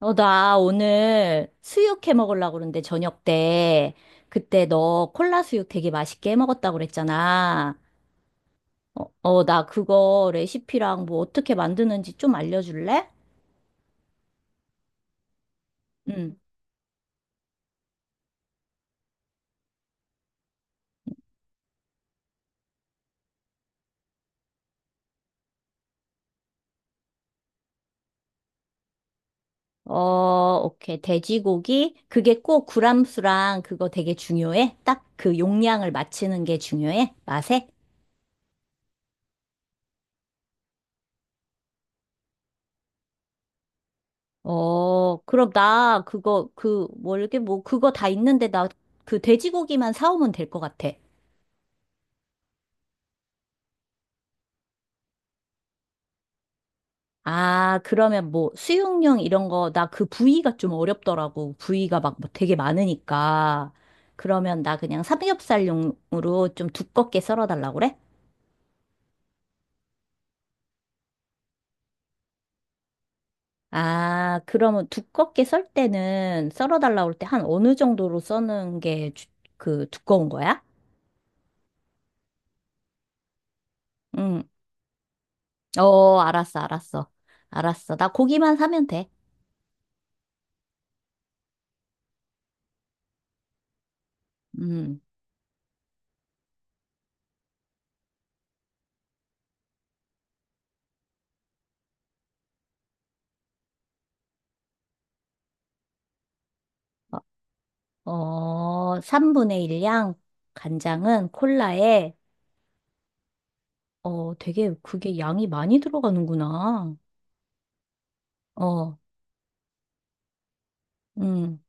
나 오늘 수육 해 먹으려고 그러는데, 저녁 때. 그때 너 콜라 수육 되게 맛있게 해 먹었다고 그랬잖아. 나 그거 레시피랑 뭐 어떻게 만드는지 좀 알려줄래? 응. 오케이. 돼지고기? 그게 꼭 구람수랑 그거 되게 중요해? 딱 그 용량을 맞추는 게 중요해? 맛에? 그럼 나 그거, 그, 뭐, 이렇게 뭐, 그거 다 있는데 나 그 돼지고기만 사오면 될 것 같아. 아, 그러면 뭐 수육용 이런 거, 나 그 부위가 좀 어렵더라고. 부위가 막뭐 되게 많으니까. 그러면 나 그냥 삼겹살용으로 좀 두껍게 썰어달라고 그래? 아, 그러면 두껍게 썰 때는 썰어달라고 할 때 한 어느 정도로 써는 게 그 두꺼운 거야? 응. 알았어, 알았어. 알았어. 나 고기만 사면 돼. 음. 3분의 1 양, 간장은 콜라에 되게 그게 양이 많이 들어가는구나. 어, 음,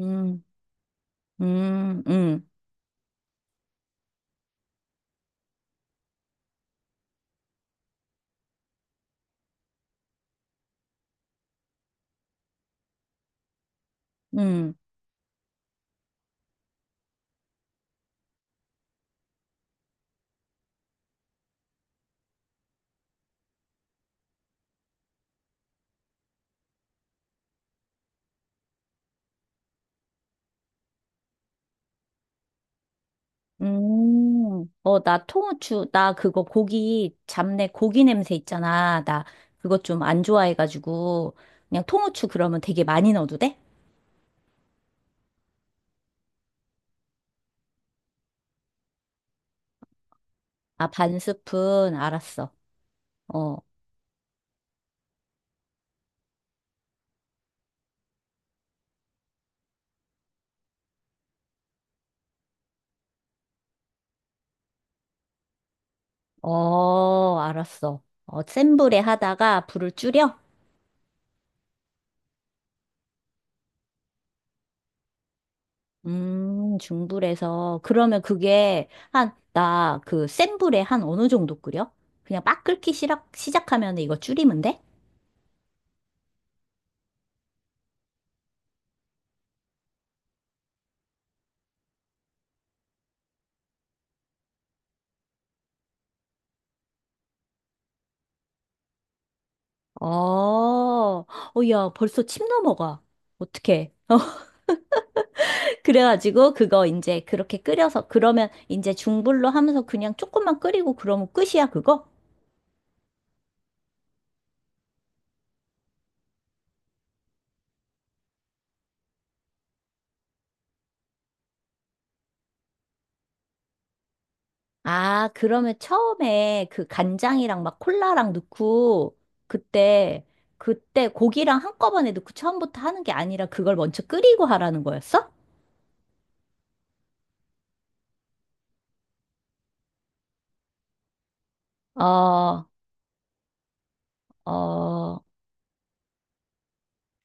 음, 음, 음, 음, 나 통후추, 나 그거 고기, 잡내 고기 냄새 있잖아. 나 그거 좀 안 좋아해가지고, 그냥 통후추 그러면 되게 많이 넣어도 돼? 아, 반 스푼, 알았어. 어, 알았어. 센 불에 하다가 불을 줄여? 중불에서. 그러면 그게 한, 나 그 센 불에 한 어느 정도 끓여? 그냥 막 끓기 시작하면 이거 줄이면 돼? 어, 어, 야, 벌써 침 넘어가. 어떡해. 그래가지고 그거 이제 그렇게 끓여서, 그러면 이제 중불로 하면서 그냥 조금만 끓이고 그러면 끝이야, 그거? 아, 그러면 처음에 그 간장이랑 막 콜라랑 넣고 그때 그때 고기랑 한꺼번에 넣고 처음부터 하는 게 아니라 그걸 먼저 끓이고 하라는 거였어? 어, 어.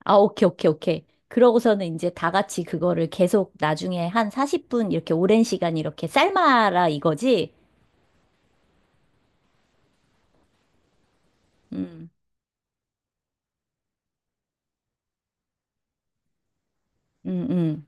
아, 오케이, 오케이, 오케이. 그러고서는 이제 다 같이 그거를 계속 나중에 한 40분 이렇게 오랜 시간 이렇게 삶아라 이거지? 음, 음, 음.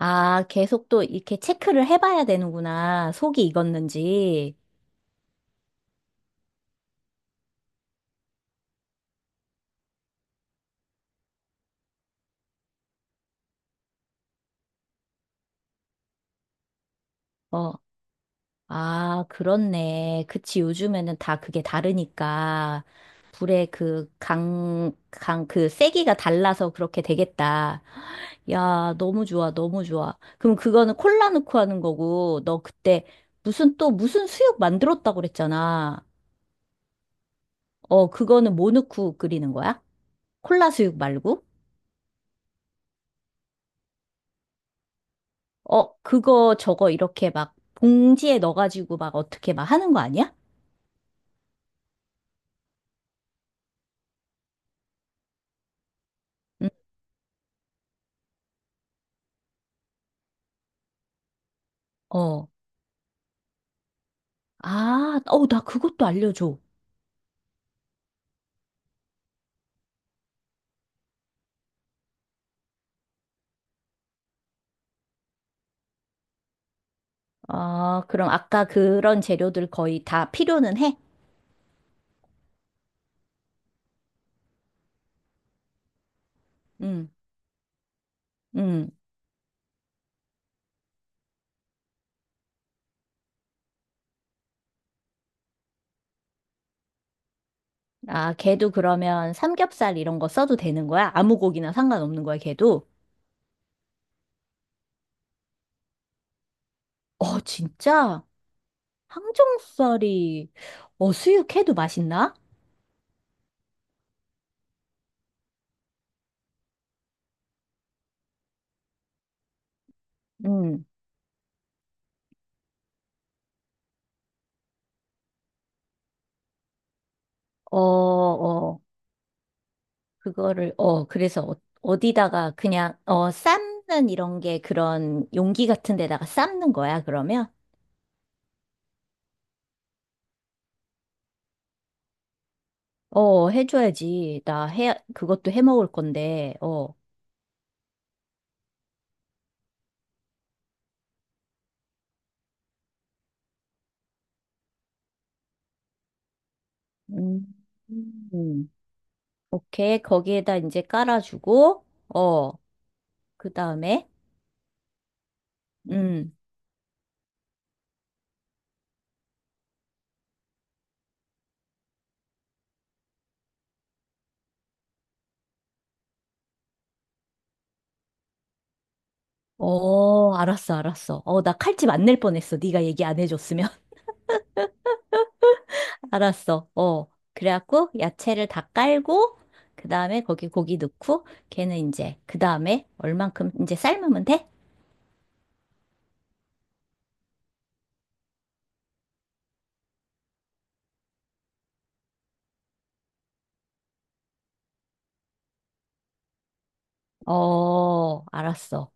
아, 계속 또 이렇게 체크를 해봐야 되는구나. 속이 익었는지. 어, 아, 그렇네. 그치, 요즘에는 다 그게 다르니까. 불의 그 그 세기가 달라서 그렇게 되겠다. 야, 너무 좋아, 너무 좋아. 그럼 그거는 콜라 넣고 하는 거고, 너 그때 무슨 또 무슨 수육 만들었다고 그랬잖아. 그거는 뭐 넣고 끓이는 거야? 콜라 수육 말고? 그거 저거 이렇게 막 봉지에 넣어가지고 막 어떻게 막 하는 거 아니야? 응, 어. 아, 나 그것도 알려줘. 아, 그럼 아까 그런 재료들 거의 다 필요는 해? 응, 응. 아, 걔도 그러면 삼겹살 이런 거 써도 되는 거야? 아무 고기나 상관없는 거야, 걔도? 어, 진짜? 항정살이, 수육해도 맛있나? 응, 어, 어, 그거를, 그래서 어디다가 그냥, 삶는 이런 게 그런 용기 같은 데다가 삶는 거야, 그러면? 해줘야지. 나 해, 그것도 해 먹을 건데, 어. 음, 음. 오케이. 거기에다 이제 깔아주고, 어, 그 다음에, 음, 알았어, 알았어. 나 칼집 안 낼 뻔했어. 네가 얘기 안 해줬으면. 알았어. 그래갖고, 야채를 다 깔고, 그 다음에 거기 고기 넣고, 걔는 이제, 그 다음에, 얼만큼 이제 삶으면 돼? 알았어.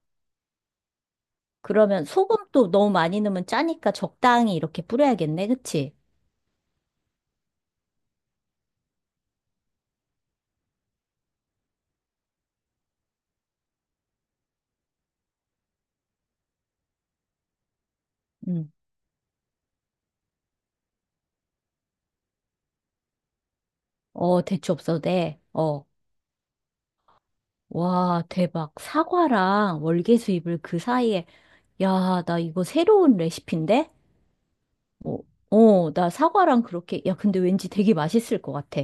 그러면 소금도 너무 많이 넣으면 짜니까 적당히 이렇게 뿌려야겠네. 그치? 음. 대추 없어도 돼. 어. 와, 대박. 사과랑 월계수잎을 그 사이에, 야, 나 이거 새로운 레시피인데? 어, 나 사과랑 그렇게, 야, 근데 왠지 되게 맛있을 것 같아.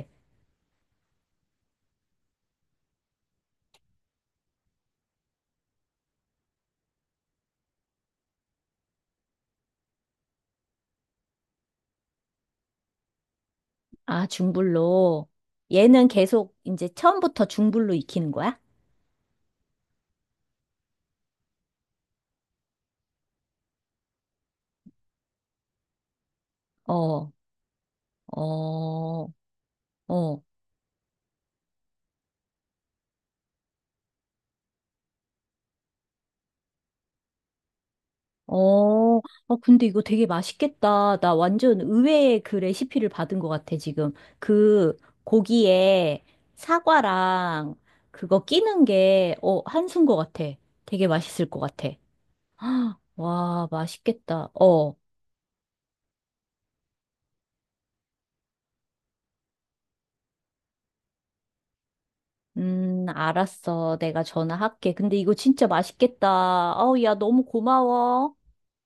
아, 중불로. 얘는 계속 이제 처음부터 중불로 익히는 거야? 어, 어, 어. 어, 근데 이거 되게 맛있겠다. 나 완전 의외의 그 레시피를 받은 것 같아, 지금. 그 고기에 사과랑 그거 끼는 게, 한수인 것 같아. 되게 맛있을 것 같아. 헉, 와, 맛있겠다. 알았어. 내가 전화할게. 근데 이거 진짜 맛있겠다. 아우, 야, 너무 고마워.